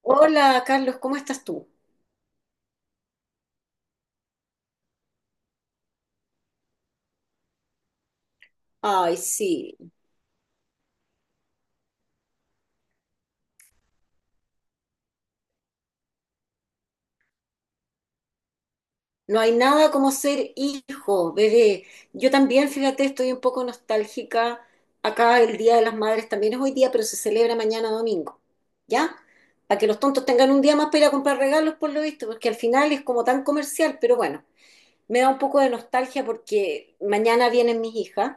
Hola, Carlos, ¿cómo estás tú? Ay, sí, no hay nada como ser hijo, bebé. Yo también, fíjate, estoy un poco nostálgica. Acá el Día de las Madres también es hoy día, pero se celebra mañana domingo, ¿ya? Para que los tontos tengan un día más para ir a comprar regalos, por lo visto, porque al final es como tan comercial, pero bueno, me da un poco de nostalgia porque mañana vienen mis hijas.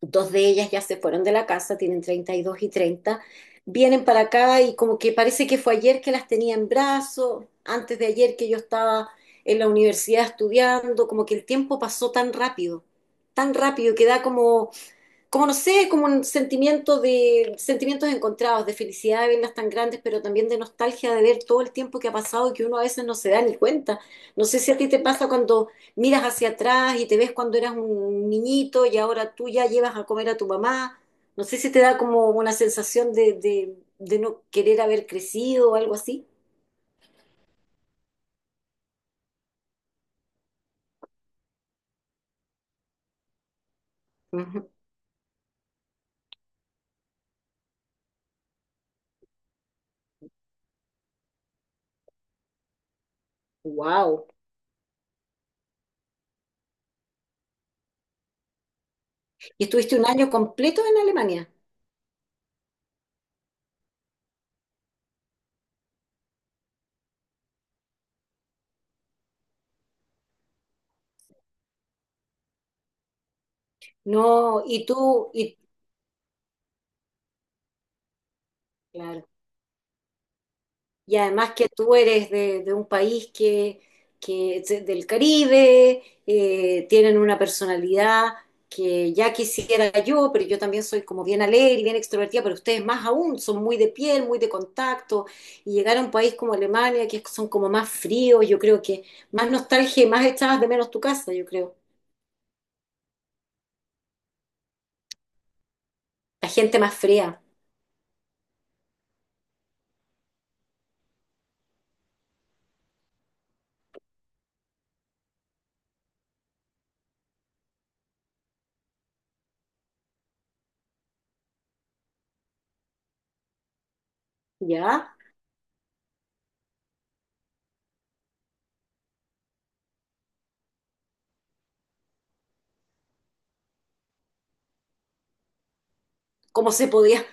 Dos de ellas ya se fueron de la casa, tienen 32 y 30. Vienen para acá y como que parece que fue ayer que las tenía en brazos, antes de ayer que yo estaba en la universidad estudiando, como que el tiempo pasó tan rápido que da como, como no sé, como un sentimiento de, sentimientos encontrados, de felicidad de verlas tan grandes, pero también de nostalgia de ver todo el tiempo que ha pasado y que uno a veces no se da ni cuenta. No sé si a ti te pasa cuando miras hacia atrás y te ves cuando eras un niñito y ahora tú ya llevas a comer a tu mamá. No sé si te da como una sensación de no querer haber crecido o algo así. Wow. ¿Y estuviste un año completo en Alemania? No, y tú, y claro. Y además que tú eres de un país que es del Caribe, tienen una personalidad que ya quisiera yo, pero yo también soy como bien alegre, y bien extrovertida, pero ustedes más aún, son muy de piel, muy de contacto, y llegar a un país como Alemania, que son como más fríos, yo creo que más nostalgia y más echabas de menos tu casa, yo creo. La gente más fría, ¿ya? ¿Cómo se podía?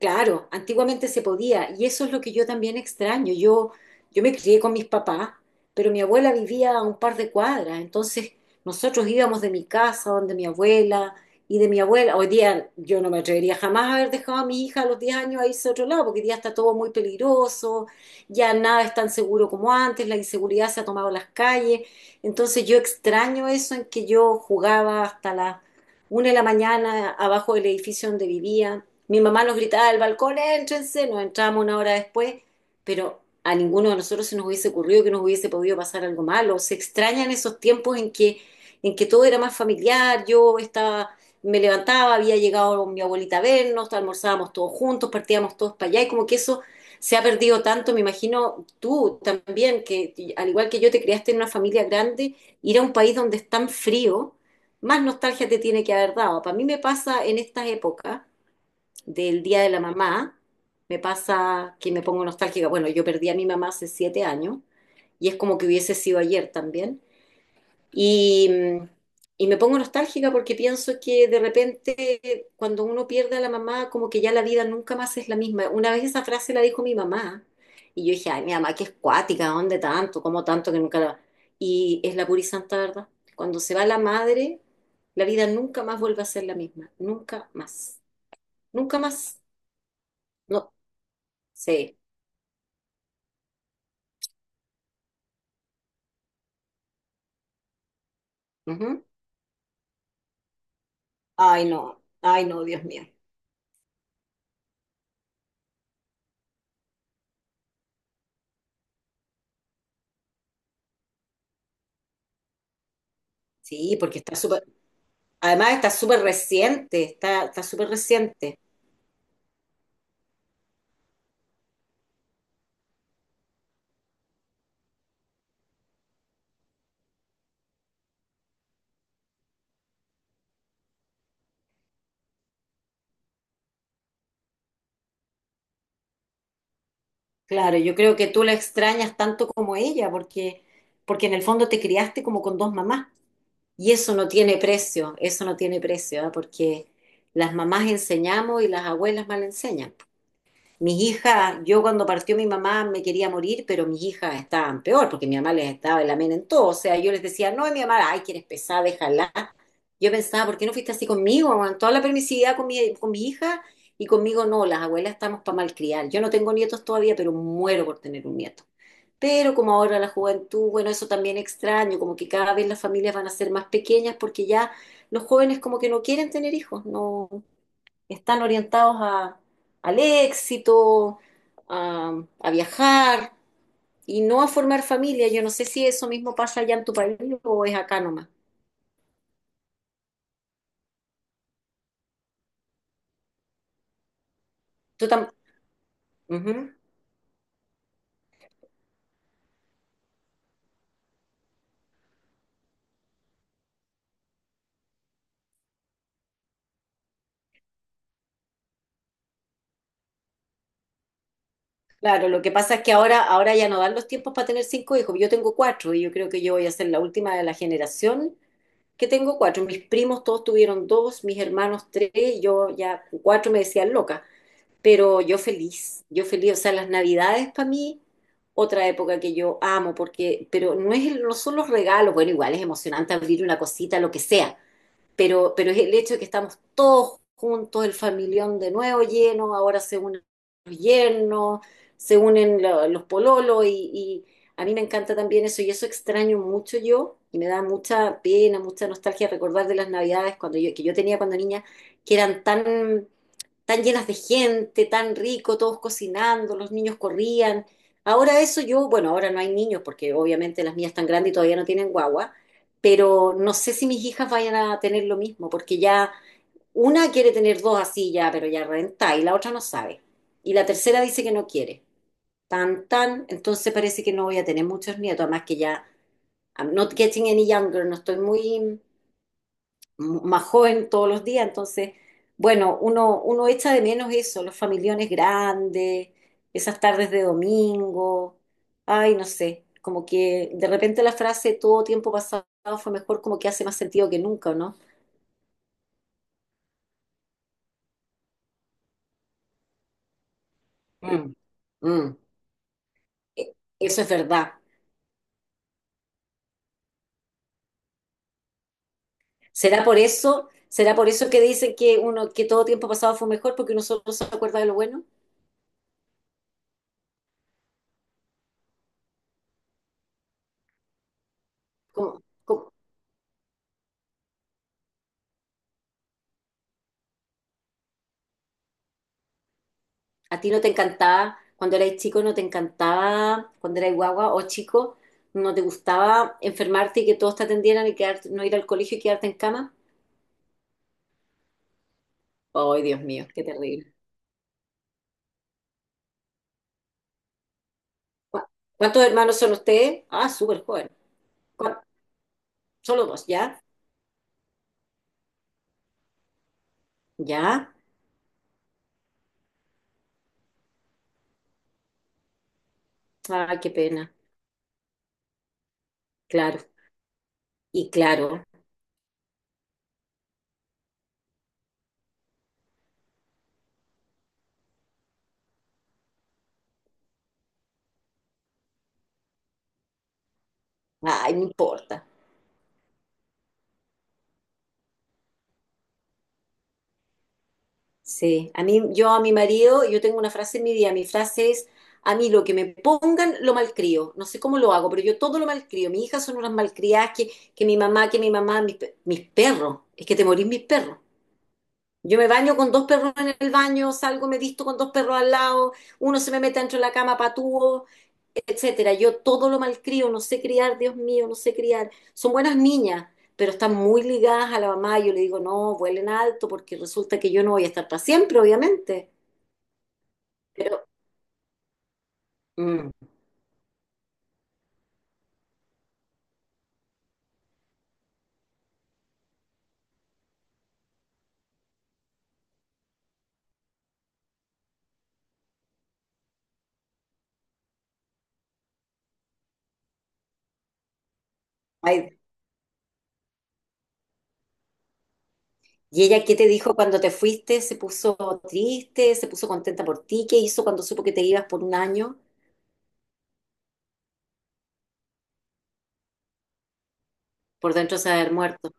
Claro, antiguamente se podía y eso es lo que yo también extraño. Yo me crié con mis papás, pero mi abuela vivía a un par de cuadras, entonces nosotros íbamos de mi casa, donde mi abuela y de mi abuela. Hoy día yo no me atrevería jamás a haber dejado a mi hija a los 10 años a irse a otro lado, porque hoy día está todo muy peligroso, ya nada es tan seguro como antes, la inseguridad se ha tomado las calles. Entonces yo extraño eso en que yo jugaba hasta las 1 de la mañana abajo del edificio donde vivía. Mi mamá nos gritaba del balcón, éntrense, nos entrábamos una hora después, pero a ninguno de nosotros se nos hubiese ocurrido que nos hubiese podido pasar algo malo. Se extrañan esos tiempos en que todo era más familiar, yo estaba, me levantaba, había llegado mi abuelita a vernos, almorzábamos todos juntos, partíamos todos para allá, y como que eso se ha perdido tanto, me imagino tú también, que al igual que yo te creaste en una familia grande, ir a un país donde es tan frío, más nostalgia te tiene que haber dado. Para mí me pasa en estas épocas del Día de la Mamá, me pasa que me pongo nostálgica. Bueno, yo perdí a mi mamá hace 7 años y es como que hubiese sido ayer también. Y, mm, y me pongo nostálgica porque pienso que de repente cuando uno pierde a la mamá, como que ya la vida nunca más es la misma. Una vez esa frase la dijo mi mamá y yo dije, ay, mi mamá, que es cuática, ¿dónde tanto? ¿Cómo tanto que nunca la... Y es la pura y santa verdad. Cuando se va la madre, la vida nunca más vuelve a ser la misma. Nunca más. Nunca más. No, sí. Ujú. Ay, no, Dios mío. Sí, porque está súper, además está súper reciente, está, está súper reciente. Claro, yo creo que tú la extrañas tanto como ella, porque, porque en el fondo te criaste como con dos mamás. Y eso no tiene precio, eso no tiene precio, ¿ah? Porque las mamás enseñamos y las abuelas mal enseñan. Mis hijas, yo cuando partió mi mamá me quería morir, pero mis hijas estaban peor, porque mi mamá les estaba en la mena en todo. O sea, yo les decía, no, y mi mamá, ay, quieres pesar, déjala. Yo pensaba, ¿por qué no fuiste así conmigo? Con toda la permisividad con mi hija, y conmigo no, las abuelas estamos para malcriar. Yo no tengo nietos todavía, pero muero por tener un nieto. Pero como ahora la juventud, bueno, eso también extraño, como que cada vez las familias van a ser más pequeñas porque ya los jóvenes como que no quieren tener hijos, no, están orientados a, al éxito, a viajar, y no a formar familia. Yo no sé si eso mismo pasa allá en tu país o es acá nomás. Tú tam- Ujú. Claro, lo que pasa es que ahora, ahora ya no dan los tiempos para tener cinco hijos. Yo tengo cuatro y yo creo que yo voy a ser la última de la generación que tengo cuatro. Mis primos todos tuvieron dos, mis hermanos tres, yo ya con cuatro me decían loca. Pero yo feliz, yo feliz. O sea, las Navidades para mí, otra época que yo amo, porque, pero no es, no son los regalos, bueno, igual es emocionante abrir una cosita, lo que sea, pero es el hecho de que estamos todos juntos, el familión de nuevo lleno, ahora se unen los yernos, se unen los pololos y a mí me encanta también eso y eso extraño mucho yo y me da mucha pena, mucha nostalgia recordar de las Navidades cuando yo, que yo tenía cuando niña, que eran tan tan llenas de gente, tan rico, todos cocinando, los niños corrían. Ahora eso yo, bueno, ahora no hay niños porque obviamente las mías están grandes y todavía no tienen guagua, pero no sé si mis hijas vayan a tener lo mismo, porque ya una quiere tener dos así ya, pero ya renta, y la otra no sabe. Y la tercera dice que no quiere. Tan, tan, entonces parece que no voy a tener muchos nietos, además que ya, I'm not getting any younger, no estoy muy más joven todos los días, entonces, bueno, uno, uno echa de menos eso, los familiones grandes, esas tardes de domingo, ay, no sé, como que de repente la frase todo tiempo pasado fue mejor, como que hace más sentido que nunca, ¿no? Mm. Mm, e- eso es verdad. ¿Será por eso? ¿Será por eso que dicen que uno que todo tiempo pasado fue mejor porque uno solo se acuerda de lo bueno? Como, como- ¿A ti no te encantaba, cuando erais chico, no te encantaba, cuando erais guagua o chico, no te gustaba enfermarte y que todos te atendieran y quedarte- no ir al colegio y quedarte en cama? Ay, Dios mío, qué terrible. ¿Cu- ¿Cuántos hermanos son ustedes? Ah, súper joven. ¿Cuán- Solo dos, ¿ya? ¿Ya? Ah, qué pena. Claro. Y claro. Ay, no importa. Sí, a mí, yo a mi marido, yo tengo una frase en mi día, mi frase es, a mí lo que me pongan lo malcrio, no sé cómo lo hago, pero yo todo lo malcrio, mis hijas son unas malcriadas que mi mamá, mis, mis perros, es que te morís mis perros, yo me baño con dos perros en el baño, salgo, me visto con dos perros al lado, uno se me mete dentro de la cama patúo, etcétera. Yo todo lo malcrio, no sé criar, Dios mío, no sé criar. Son buenas niñas, pero están muy ligadas a la mamá. Yo le digo, no, vuelen alto, porque resulta que yo no voy a estar para siempre, obviamente. Pero, mm, ay, ¿y ella qué te dijo cuando te fuiste? ¿Se puso triste? ¿Se puso contenta por ti? ¿Qué hizo cuando supo que te ibas por un año? Por dentro se va a haber muerto.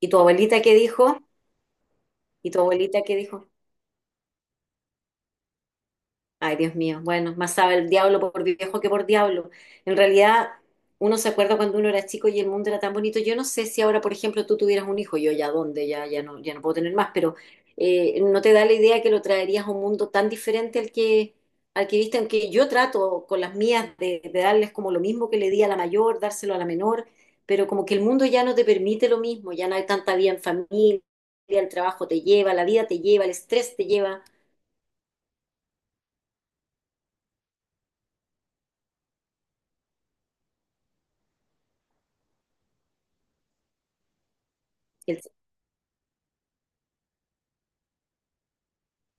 ¿Y tu abuelita qué dijo? ¿Y tu abuelita qué dijo? Ay, Dios mío, bueno, más sabe el diablo por viejo que por diablo. En realidad, uno se acuerda cuando uno era chico y el mundo era tan bonito. Yo no sé si ahora, por ejemplo, tú tuvieras un hijo, yo ya dónde, ya, ya no, ya no puedo tener más, pero ¿no te da la idea que lo traerías a un mundo tan diferente al que viste? Aunque yo trato con las mías de darles como lo mismo que le di a la mayor, dárselo a la menor, pero como que el mundo ya no te permite lo mismo, ya no hay tanta vida en familia, el trabajo te lleva, la vida te lleva, el estrés te lleva.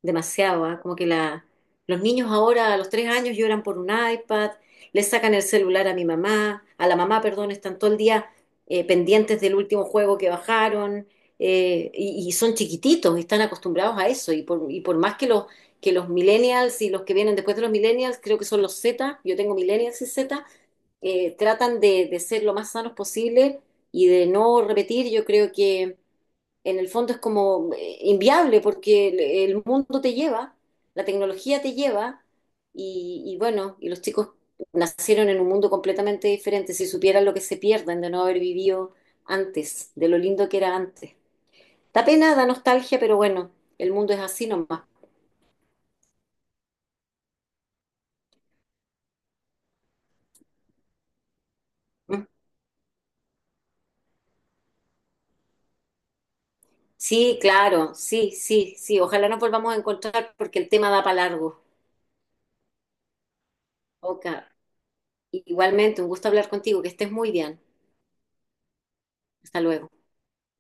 Demasiado, ¿ah? Como que la, los niños ahora a los 3 años lloran por un iPad, le sacan el celular a mi mamá, a la mamá, perdón, están todo el día pendientes del último juego que bajaron, y son chiquititos, están acostumbrados a eso, y por más que los millennials y los que vienen después de los millennials, creo que son los Z, yo tengo millennials y Z, tratan de ser lo más sanos posible y de no repetir, yo creo que en el fondo es como inviable porque el mundo te lleva, la tecnología te lleva y bueno, y los chicos nacieron en un mundo completamente diferente, si supieran lo que se pierden de no haber vivido antes, de lo lindo que era antes. Da pena, da nostalgia, pero bueno, el mundo es así nomás. ¿Mm? Sí, claro, sí, sí, sí, ojalá nos volvamos a encontrar porque el tema da para largo. Ok, igualmente, un gusto hablar contigo, que estés muy bien. Hasta luego.